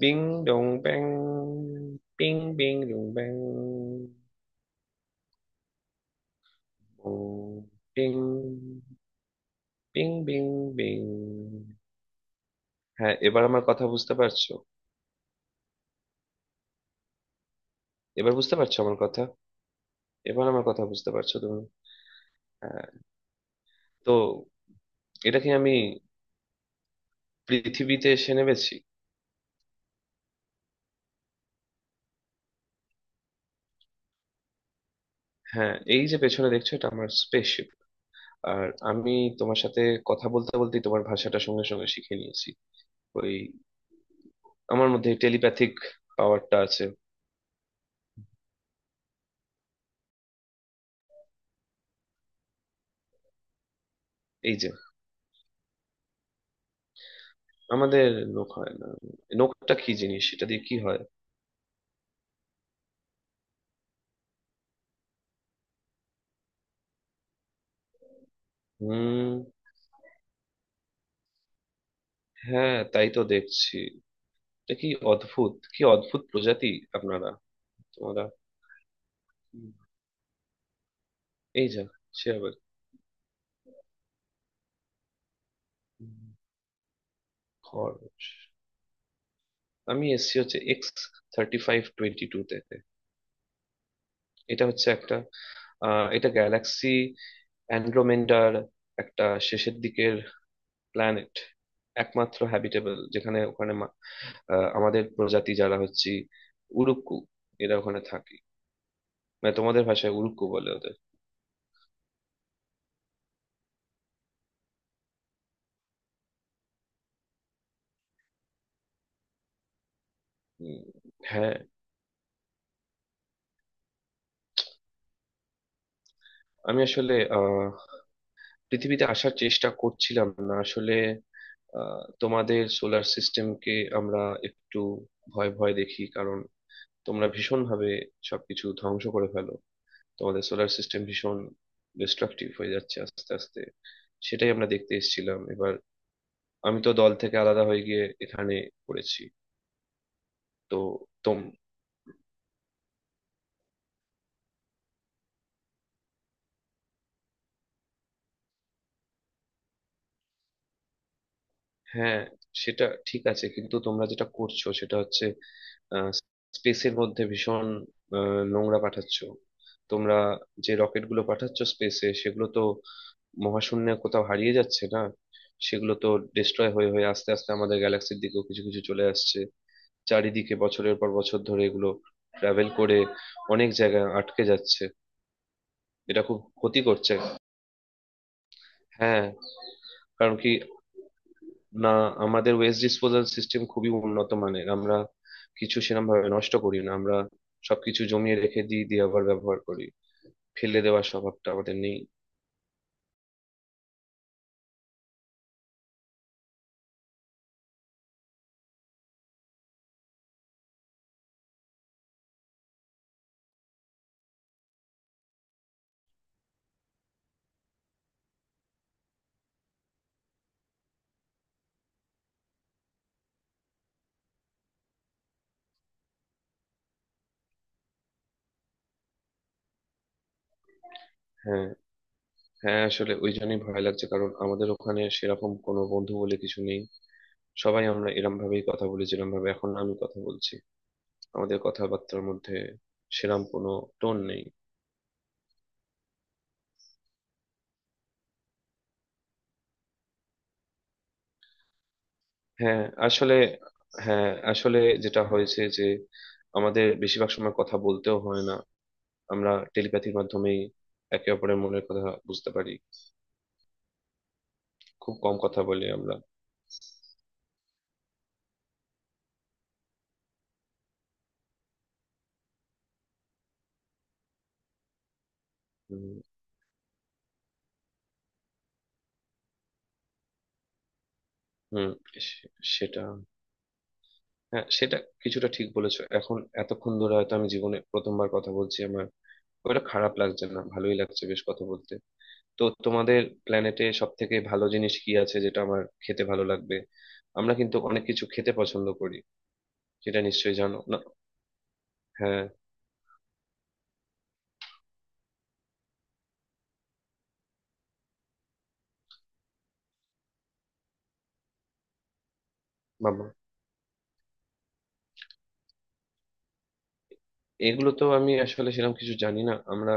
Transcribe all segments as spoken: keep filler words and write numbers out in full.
Bing dong bang, bing bing dong bang, boom, bing, bing bing bing। হ্যাঁ, এবার আমার কথা বুঝতে পারছো? এবার বুঝতে পারছো আমার কথা? এবার আমার কথা বুঝতে পারছো তুমি? হ্যাঁ তো। এটা কি আমি পৃথিবীতে এসে নেমেছি? হ্যাঁ, এই যে পেছনে দেখছো, এটা আমার স্পেসশিপ। আর আমি তোমার সাথে কথা বলতে বলতে তোমার ভাষাটা সঙ্গে সঙ্গে শিখে নিয়েছি। ওই, আমার মধ্যে টেলিপ্যাথিক পাওয়ারটা আছে। এই যে। আমাদের নখ হয় না। নখটা কি জিনিস? এটা দিয়ে কি হয়? হুম। হ্যাঁ, তাই তো দেখছি। এটা কি অদ্ভুত! কি অদ্ভুত প্রজাতি আপনারা, তোমরা। হুম, এই যা! সে আবার। হুম, খরচ। আমি এসছি হচ্ছে x thirty five twenty two তে। এটা হচ্ছে একটা, আহ, এটা গ্যালাক্সি অ্যান্ড্রোমেন্ডার, একটা শেষের দিকের প্ল্যানেট। একমাত্র হ্যাবিটেবল, যেখানে ওখানে মা- আহ, আমাদের প্রজাতি যারা হচ্ছে উরুক্কু, এরা ওখানে থাকে। মানে তোমাদের ভাষায় উল্কু বলে ওদের। উম, হ্যাঁ। আমি আসলে আহ পৃথিবীতে আসার চেষ্টা করছিলাম না আসলে। আহ, তোমাদের সোলার সিস্টেমকে আমরা একটু ভয় ভয় দেখি, কারণ তোমরা ভীষণ ভাবে সবকিছু ধ্বংস করে ফেলো। তোমাদের সোলার সিস্টেম ভীষণ ডিস্ট্রাকটিভ হয়ে যাচ্ছে আস্তে আস্তে। সেটাই আমরা দেখতে এসেছিলাম এবার। আমি তো দল থেকে আলাদা হয়ে গিয়ে এখানে পড়েছি। তো হ্যাঁ, সেটা ঠিক আছে, কিন্তু তোমরা যেটা করছো সেটা হচ্ছে স্পেসের মধ্যে ভীষণ আহ, নোংরা পাঠাচ্ছ তোমরা। যে রকেট গুলো পাঠাচ্ছ স্পেসে, সেগুলো তো মহাশূন্যে কোথাও হারিয়ে যাচ্ছে না। সেগুলো তো ডিস্ট্রয় হয়ে হয়ে আস্তে আস্তে আমাদের গ্যালাক্সির দিকেও কিছু কিছু চলে আসছে। চারিদিকে বছরের পর বছর ধরে এগুলো ট্রাভেল করে অনেক জায়গায় আটকে যাচ্ছে। এটা খুব ক্ষতি করছে। হ্যাঁ। কারণ কি? না, আমাদের ওয়েস্ট ডিসপোজাল সিস্টেম খুবই উন্নত মানের। আমরা কিছু সেরকম ভাবে নষ্ট করি না। আমরা সবকিছু জমিয়ে রেখে দিই, দিয়ে আবার ব্যবহার করি। ফেলে দেওয়ার স্বভাবটা আমাদের নেই। হ্যাঁ, হ্যাঁ আসলে ওই জন্যই ভয় লাগছে, কারণ আমাদের ওখানে সেরকম কোনো বন্ধু বলে কিছু নেই। সবাই আমরা এরম ভাবেই কথা বলি যেরম ভাবে এখন আমি কথা বলছি। আমাদের কথাবার্তার মধ্যে সেরকম কোনো টোন নেই। হ্যাঁ আসলে হ্যাঁ আসলে যেটা হয়েছে যে আমাদের বেশিরভাগ সময় কথা বলতেও হয় না। আমরা টেলিপ্যাথির মাধ্যমেই একে অপরের মনের কথা বুঝতে পারি। খুব কম কথা বলি আমরা। হুম। হুম সে- সেটা, হ্যাঁ সেটা কিছুটা ঠিক বলেছো এখন। এতক্ষণ ধরে হয়তো আমি জীবনে প্রথমবার কথা বলছি, আমার ওটা খারাপ লাগছে না, ভালোই লাগছে বেশ কথা বলতে। তো তোমাদের প্ল্যানেটে সব থেকে ভালো জিনিস কি আছে যেটা আমার খেতে ভালো লাগবে? আমরা কিন্তু অনেক কিছু খেতে পছন্দ করি, সেটা নিশ্চয়ই জানো না। হ্যাঁ। বাবা, এগুলো তো আমি আসলে সেরকম কিছু জানি না। আমরা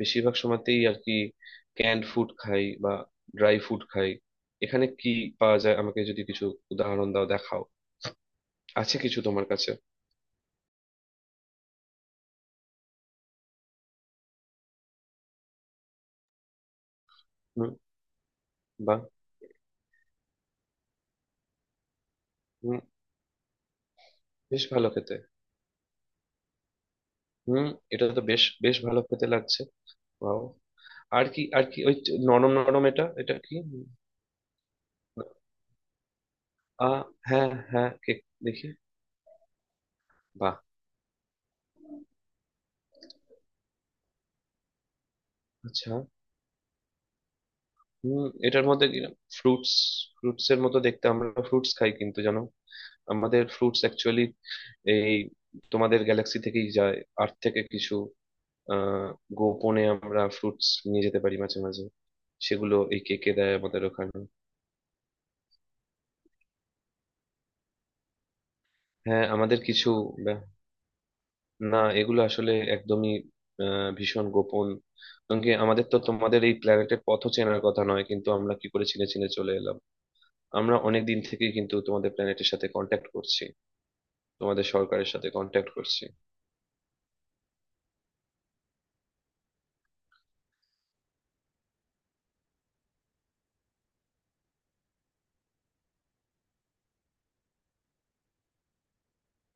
বেশিরভাগ সময়তেই আর কি ক্যান্ড ফুড খাই বা ড্রাই ফুড খাই। এখানে কি পাওয়া যায়? আমাকে যদি কিছু উদাহরণ দাও, দেখাও। আছে কিছু তোমার কাছে? হুম। বা, হুম, বেশ ভালো খেতে। হুম, এটা তো বেশ বেশ ভালো খেতে লাগছে। বাহ। আর কি আর কি, ওই নরম নরম, এটা এটা কি? আ, হ্যাঁ হ্যাঁ কেক। দেখি। বাহ। আচ্ছা। হুম, এটার মধ্যে ফ্রুটস ফ্রুটস এর মতো দেখতে। আমরা ফ্রুটস খাই, কিন্তু জানো, আমাদের ফ্রুটস অ্যাকচুয়ালি এই তোমাদের গ্যালাক্সি থেকেই যায়। আর্থ থেকে কিছু আহ গোপনে আমরা ফ্রুটস নিয়ে যেতে পারি মাঝে মাঝে, সেগুলো এই কেকে দেয় আমাদের ওখানে। হ্যাঁ, আমাদের কিছু ব্যা- না, এগুলো আসলে একদমই আহ, ভীষণ গোপন। কারণ কি? আমাদের তো তোমাদের এই প্ল্যানেটের পথও চেনার কথা নয়, কিন্তু আমরা কি করে চিনে চিনে চলে এলাম? আমরা অনেক দিন থেকেই কিন্তু তোমাদের প্ল্যানেটের সাথে কন্ট্যাক্ট করছি, তোমাদের সরকারের সাথে কন্ট্যাক্ট করছি।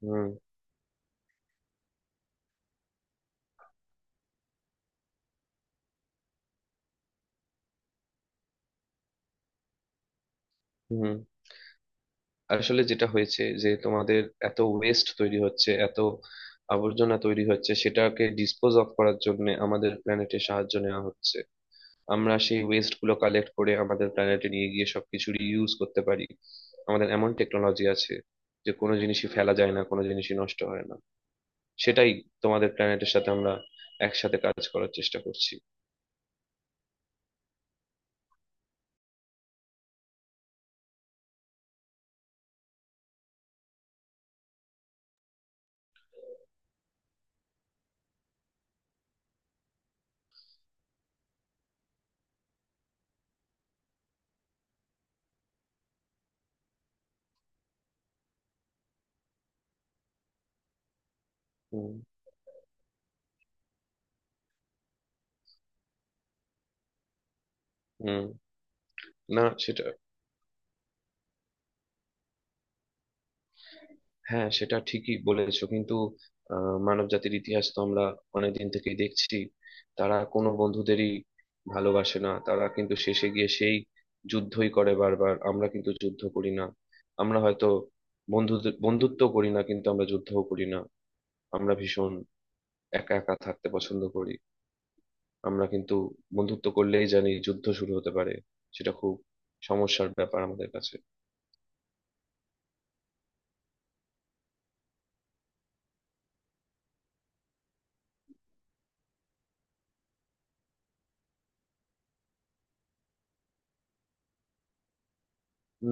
হুম। হুম, আসলে যেটা হয়েছে যে তোমাদের এত ওয়েস্ট তৈরি হচ্ছে, এত আবর্জনা তৈরি হচ্ছে, সেটাকে ডিসপোজ অফ করার জন্য আমাদের প্ল্যানেটে সাহায্য নেওয়া হচ্ছে। আমরা সেই ওয়েস্ট গুলো কালেক্ট করে আমাদের প্ল্যানেটে নিয়ে গিয়ে সবকিছু রিইউজ করতে পারি। আমাদের এমন টেকনোলজি আছে যে কোনো জিনিসই ফেলা যায় না, কোনো জিনিসই নষ্ট হয় না। সেটাই তোমাদের প্ল্যানেটের সাথে আমরা একসাথে কাজ করার চেষ্টা করছি। হুম। হুম। না সেটা, হ্যাঁ সেটা ঠিকই বলেছো, কিন্তু মানব জাতির ইতিহাস তো আমরা অনেকদিন থেকেই দেখছি। তারা কোনো বন্ধুদেরই ভালোবাসে না, তারা কিন্তু শেষে গিয়ে সেই যুদ্ধই করে বারবার। আমরা কিন্তু যুদ্ধ করি না। আমরা হয়তো বন্ধু বন্ধুত্ব করি না, কিন্তু আমরা যুদ্ধও করি না। আমরা ভীষণ একা একা থাকতে পছন্দ করি। আমরা কিন্তু বন্ধুত্ব করলেই জানি যুদ্ধ শুরু হতে পারে। সেটা খুব সমস্যার ব্যাপার আমাদের কাছে।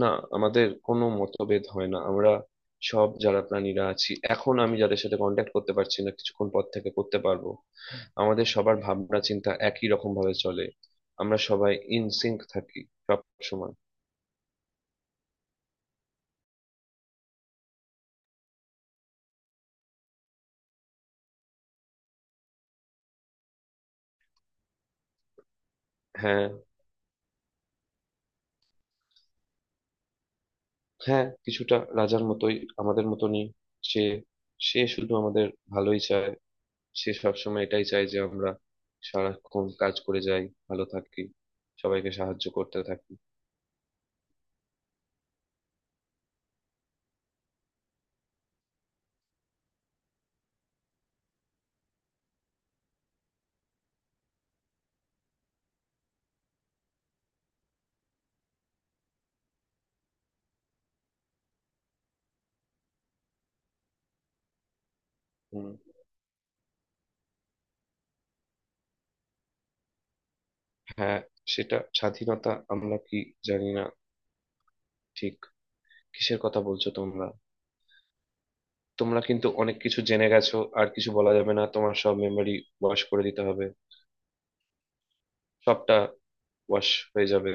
না, আমাদের কোনো মতভেদ হয় না। আমরা সব যারা প্রাণীরা আছি, এখন আমি যাদের সাথে কন্ট্যাক্ট করতে পারছি না, কিছুক্ষণ পর থেকে করতে পারবো। আমাদের সবার ভাবনা চিন্তা একই রকম ভাবে চলে। আমরা সবাই ইনসিঙ্ক থাকি সব সময়। হ্যাঁ। হ্যাঁ, কিছুটা রাজার মতোই, আমাদের মতনই। সে সে শুধু আমাদের ভালোই চায়, সে সবসময় এটাই চায় যে আমরা সারাক্ষণ কাজ করে যাই, ভালো থাকি, সবাইকে সাহায্য করতে থাকি। হ্যাঁ, সেটা স্বাধীনতা আমরা কি জানি না ঠিক, কিসের কথা বলছো তোমরা? তোমরা কিন্তু অনেক কিছু জেনে গেছো, আর কিছু বলা যাবে না। তোমার সব মেমরি ওয়াশ করে দিতে হবে। সবটা ওয়াশ হয়ে যাবে।